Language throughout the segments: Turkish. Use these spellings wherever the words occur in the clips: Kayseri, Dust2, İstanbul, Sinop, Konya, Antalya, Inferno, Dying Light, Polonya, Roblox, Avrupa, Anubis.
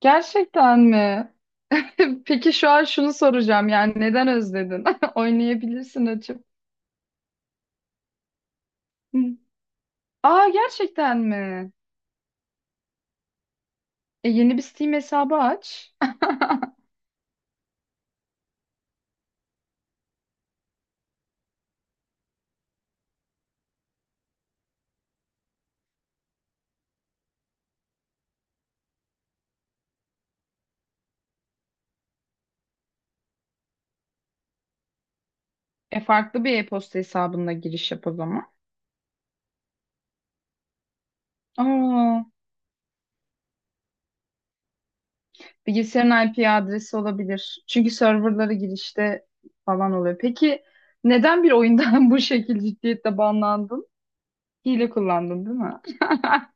Gerçekten mi? Peki şu an şunu soracağım, yani neden özledin? Oynayabilirsin açıp. Hı. Aa, gerçekten mi? Yeni bir Steam hesabı aç. Farklı bir e-posta hesabında giriş yap o zaman. Aa, bilgisayarın IP adresi olabilir. Çünkü serverları girişte falan oluyor. Peki neden bir oyundan bu şekilde ciddiyetle banlandın? Hile kullandın, değil mi?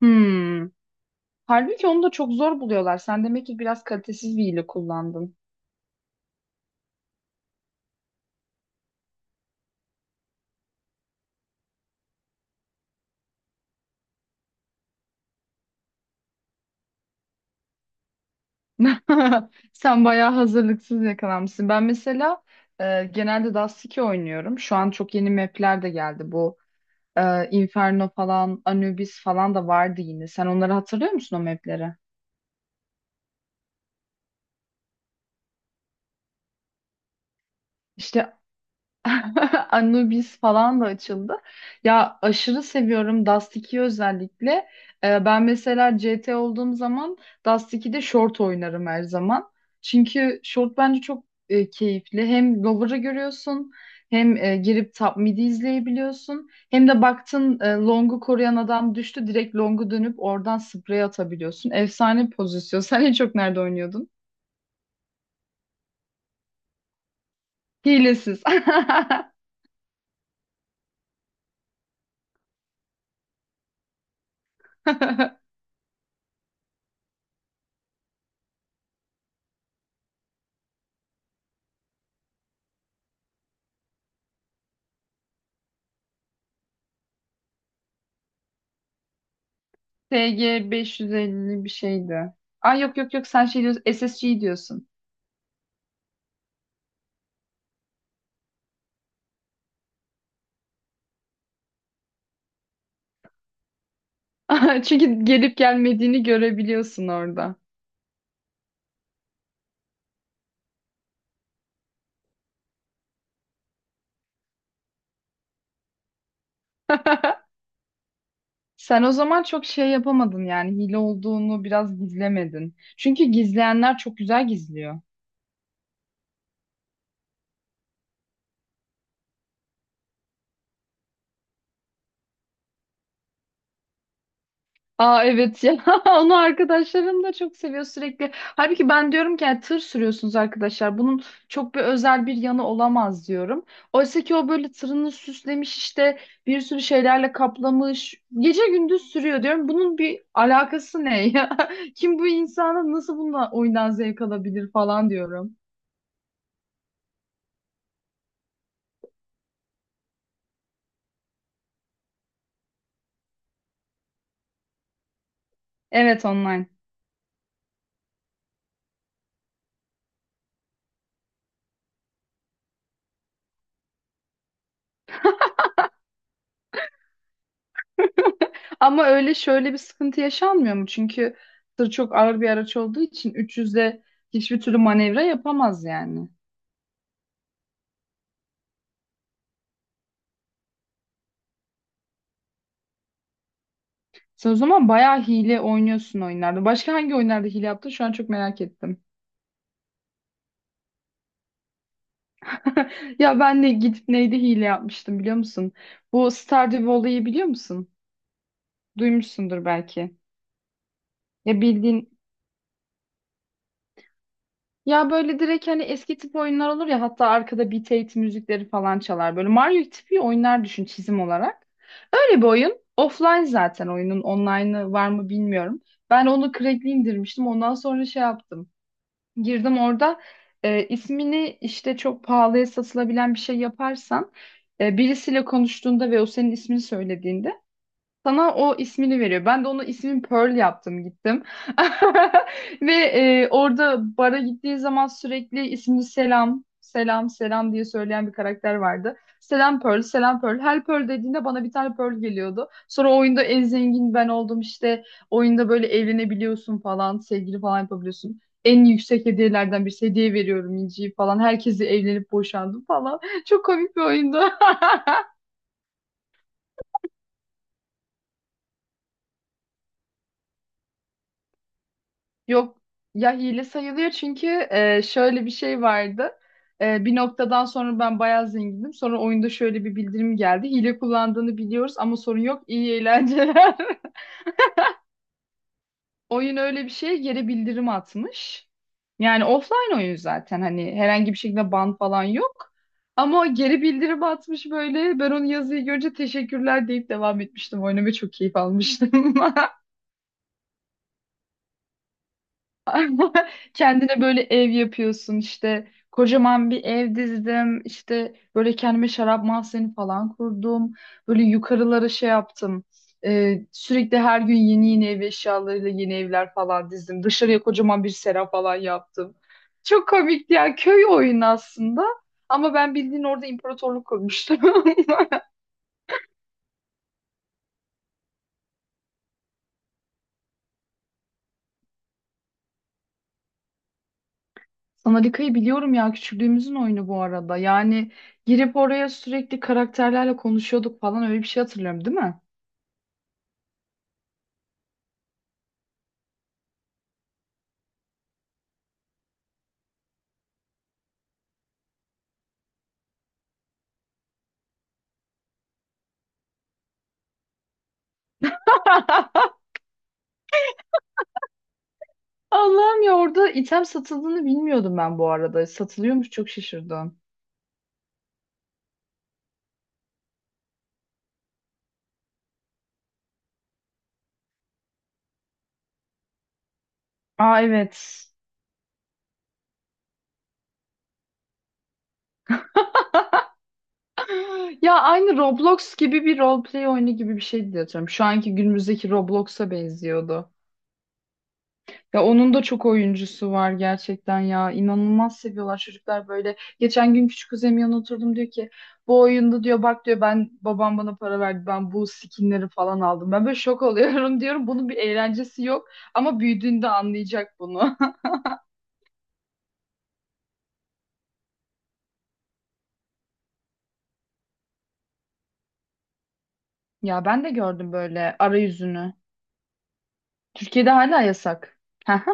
Hmm. Halbuki onu da çok zor buluyorlar. Sen demek ki biraz kalitesiz bir hile kullandın. Sen bayağı hazırlıksız yakalanmışsın. Ben mesela genelde Dust2 oynuyorum. Şu an çok yeni map'ler de geldi. Bu Inferno falan, Anubis falan da vardı yine. Sen onları hatırlıyor musun, o map'leri? İşte Anubis falan da açıldı. Ya aşırı seviyorum Dust 2'yi, özellikle. Ben mesela CT olduğum zaman Dust 2'de short oynarım her zaman. Çünkü short bence çok keyifli. Hem lower'ı görüyorsun, hem girip top mid'i izleyebiliyorsun. Hem de baktın long'u koruyan adam düştü, direkt long'u dönüp oradan spray atabiliyorsun. Efsane pozisyon. Sen en çok nerede oynuyordun? Hilesiz. TG 550 bir şeydi. Ay, yok yok yok, sen şey diyorsun, SSG diyorsun. Çünkü gelip gelmediğini görebiliyorsun orada. Sen o zaman çok şey yapamadın, yani hile olduğunu biraz gizlemedin. Çünkü gizleyenler çok güzel gizliyor. Aa, evet ya, onu arkadaşlarım da çok seviyor sürekli. Halbuki ben diyorum ki yani tır sürüyorsunuz arkadaşlar. Bunun çok bir özel bir yanı olamaz diyorum. Oysa ki o böyle tırını süslemiş işte, bir sürü şeylerle kaplamış. Gece gündüz sürüyor, diyorum. Bunun bir alakası ne ya? Kim bu insana, nasıl bununla oyundan zevk alabilir falan diyorum. Evet, online. Ama öyle, şöyle bir sıkıntı yaşanmıyor mu? Çünkü tır çok ağır bir araç olduğu için 300'de hiçbir türlü manevra yapamaz yani. Sen o zaman bayağı hile oynuyorsun oyunlarda. Başka hangi oyunlarda hile yaptın? Şu an çok merak ettim. Ya ben de gidip neydi hile yapmıştım, biliyor musun? Bu Stardew Valley'i biliyor musun? Duymuşsundur belki. Ya bildiğin, ya böyle direkt hani eski tip oyunlar olur ya, hatta arkada beat it müzikleri falan çalar. Böyle Mario tipi oyunlar düşün, çizim olarak. Öyle bir oyun. Offline, zaten oyunun online'ı var mı bilmiyorum. Ben onu crack'li indirmiştim. Ondan sonra şey yaptım, girdim orada. İsmini işte çok pahalıya satılabilen bir şey yaparsan, birisiyle konuştuğunda ve o senin ismini söylediğinde sana o ismini veriyor. Ben de onu ismin Pearl yaptım, gittim. Ve orada bara gittiği zaman sürekli ismini selam, selam, selam diye söyleyen bir karakter vardı. Selam Pearl, selam Pearl. Her Pearl dediğinde bana bir tane Pearl geliyordu. Sonra o oyunda en zengin ben oldum işte. Oyunda böyle evlenebiliyorsun falan, sevgili falan yapabiliyorsun. En yüksek hediyelerden bir hediye veriyorum İnci'yi falan. Herkesi evlenip boşandım falan. Çok komik bir oyundu. Yok, ya hile sayılıyor çünkü şöyle bir şey vardı. Bir noktadan sonra ben bayağı zengindim. Sonra oyunda şöyle bir bildirim geldi. Hile kullandığını biliyoruz ama sorun yok. İyi eğlenceler. Oyun öyle bir şey yere bildirim atmış. Yani offline oyun, zaten hani herhangi bir şekilde ban falan yok. Ama o geri bildirim atmış böyle. Ben onu yazıyı görünce teşekkürler deyip devam etmiştim. Oynamaya çok keyif almıştım. Kendine böyle ev yapıyorsun işte. Kocaman bir ev dizdim. İşte böyle kendime şarap mahzeni falan kurdum. Böyle yukarılara şey yaptım. Sürekli her gün yeni yeni ev eşyalarıyla yeni evler falan dizdim. Dışarıya kocaman bir sera falan yaptım. Çok komikti ya. Köy oyunu aslında. Ama ben bildiğin orada imparatorluk kurmuştum. Sanarika'yı biliyorum ya, küçüklüğümüzün oyunu bu arada. Yani girip oraya sürekli karakterlerle konuşuyorduk falan, öyle bir şey hatırlıyorum değil mi? Allah'ım, ya orada item satıldığını bilmiyordum ben bu arada. Satılıyormuş, çok şaşırdım. Aa, evet. Ya aynı Roblox gibi bir roleplay oyunu gibi bir şeydi diye hatırlıyorum. Şu anki günümüzdeki Roblox'a benziyordu. Ya onun da çok oyuncusu var gerçekten ya. İnanılmaz seviyorlar çocuklar böyle. Geçen gün küçük kuzenim yanına oturdum, diyor ki bu oyunda diyor bak diyor ben babam bana para verdi ben bu skinleri falan aldım. Ben böyle şok oluyorum, diyorum bunun bir eğlencesi yok ama büyüdüğünde anlayacak bunu. Ya ben de gördüm böyle arayüzünü. Türkiye'de hala yasak.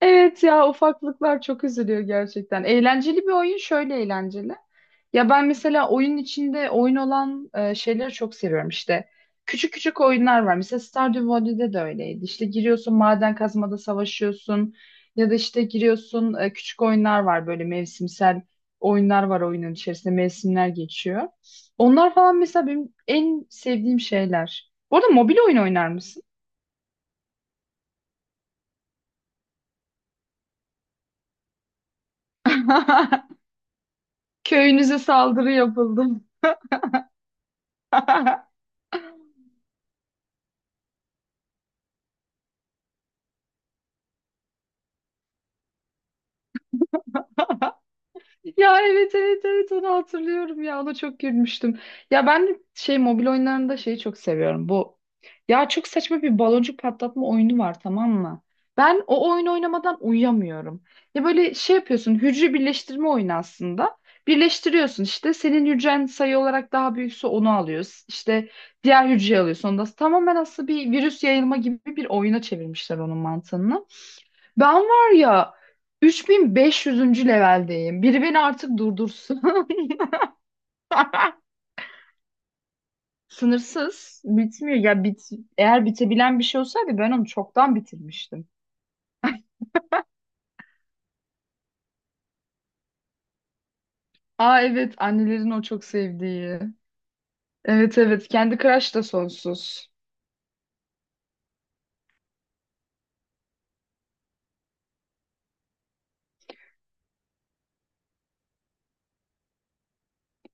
Evet ya, ufaklıklar çok üzülüyor gerçekten. Eğlenceli bir oyun, şöyle eğlenceli. Ya ben mesela oyun içinde oyun olan şeyleri çok seviyorum işte. Küçük küçük oyunlar var. Mesela Stardew Valley'de de öyleydi. İşte giriyorsun maden kazmada savaşıyorsun ya da işte giriyorsun, küçük oyunlar var böyle, mevsimsel oyunlar var, oyunun içerisinde mevsimler geçiyor. Onlar falan mesela benim en sevdiğim şeyler. Bu arada mobil oyun oynar mısın? Köyünüze saldırı yapıldı. Ya evet evet evet, onu hatırlıyorum ya, ona çok gülmüştüm. Ya ben de şey, mobil oyunlarında şeyi çok seviyorum bu. Ya çok saçma bir baloncuk patlatma oyunu var, tamam mı? Ben o oyunu oynamadan uyuyamıyorum. Ya böyle şey yapıyorsun, hücre birleştirme oyunu aslında. Birleştiriyorsun işte, senin hücren sayı olarak daha büyükse onu alıyorsun. İşte diğer hücreyi alıyorsun. Onda tamamen aslında bir virüs yayılma gibi bir oyuna çevirmişler onun mantığını. Ben var ya, 3500. leveldeyim. Biri beni artık durdursun. Sınırsız. Bitmiyor. Ya bit Eğer bitebilen bir şey olsaydı ben onu çoktan bitirmiştim. Aa, evet, annelerin o çok sevdiği. Evet evet, kendi crush da sonsuz.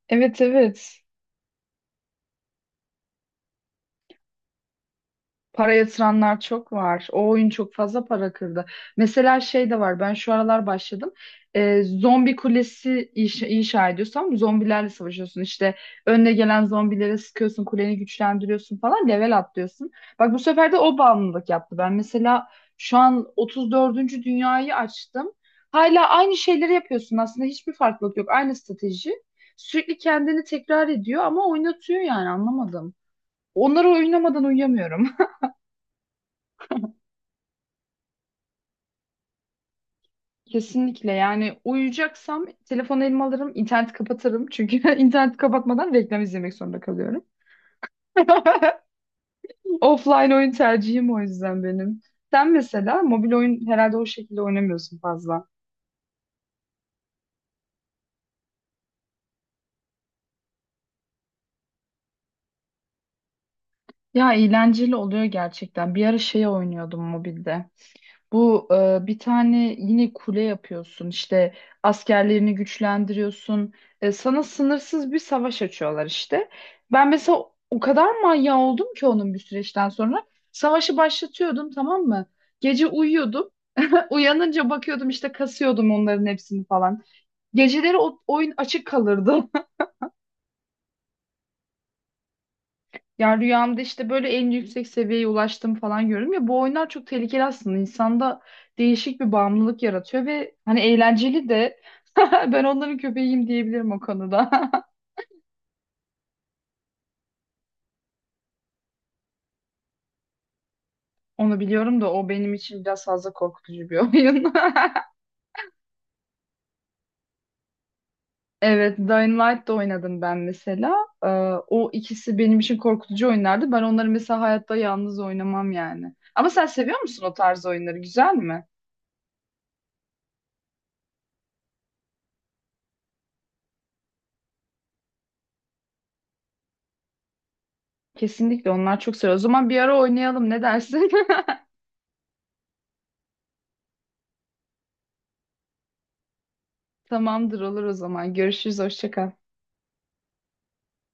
Evet, evet. Para yatıranlar çok var. O oyun çok fazla para kırdı. Mesela şey de var. Ben şu aralar başladım. Zombi kulesi inşa ediyorsam, zombilerle savaşıyorsun. İşte önüne gelen zombilere sıkıyorsun, kuleni güçlendiriyorsun falan, level atlıyorsun. Bak, bu sefer de o bağımlılık yaptı. Ben mesela şu an 34. dünyayı açtım. Hala aynı şeyleri yapıyorsun. Aslında hiçbir farklılık yok. Aynı strateji. Sürekli kendini tekrar ediyor ama oynatıyor, yani anlamadım. Onları oynamadan uyuyamıyorum. Kesinlikle, yani uyuyacaksam telefonu elime alırım, interneti kapatırım. Çünkü interneti kapatmadan reklam izlemek zorunda kalıyorum. Offline oyun tercihim o yüzden benim. Sen mesela mobil oyun herhalde o şekilde oynamıyorsun fazla. Ya eğlenceli oluyor gerçekten. Bir ara şey oynuyordum mobilde. Bu bir tane yine kule yapıyorsun işte, askerlerini güçlendiriyorsun. Sana sınırsız bir savaş açıyorlar işte. Ben mesela o kadar manyağı oldum ki onun, bir süreçten sonra. Savaşı başlatıyordum, tamam mı? Gece uyuyordum. Uyanınca bakıyordum işte, kasıyordum onların hepsini falan. Geceleri o oyun açık kalırdı. Ya rüyamda işte böyle en yüksek seviyeye ulaştım falan görüyorum, ya bu oyunlar çok tehlikeli aslında, insanda değişik bir bağımlılık yaratıyor ve hani eğlenceli de, ben onların köpeğiyim diyebilirim o konuda. Onu biliyorum da o benim için biraz fazla korkutucu bir oyun. Evet, Dying Light da oynadım ben mesela. Ee, O ikisi benim için korkutucu oyunlardı. Ben onları mesela hayatta yalnız oynamam yani. Ama sen seviyor musun o tarz oyunları? Güzel mi? Kesinlikle, onlar çok seviyor. O zaman bir ara oynayalım, ne dersin? Tamamdır, olur o zaman. Görüşürüz. Hoşça kal.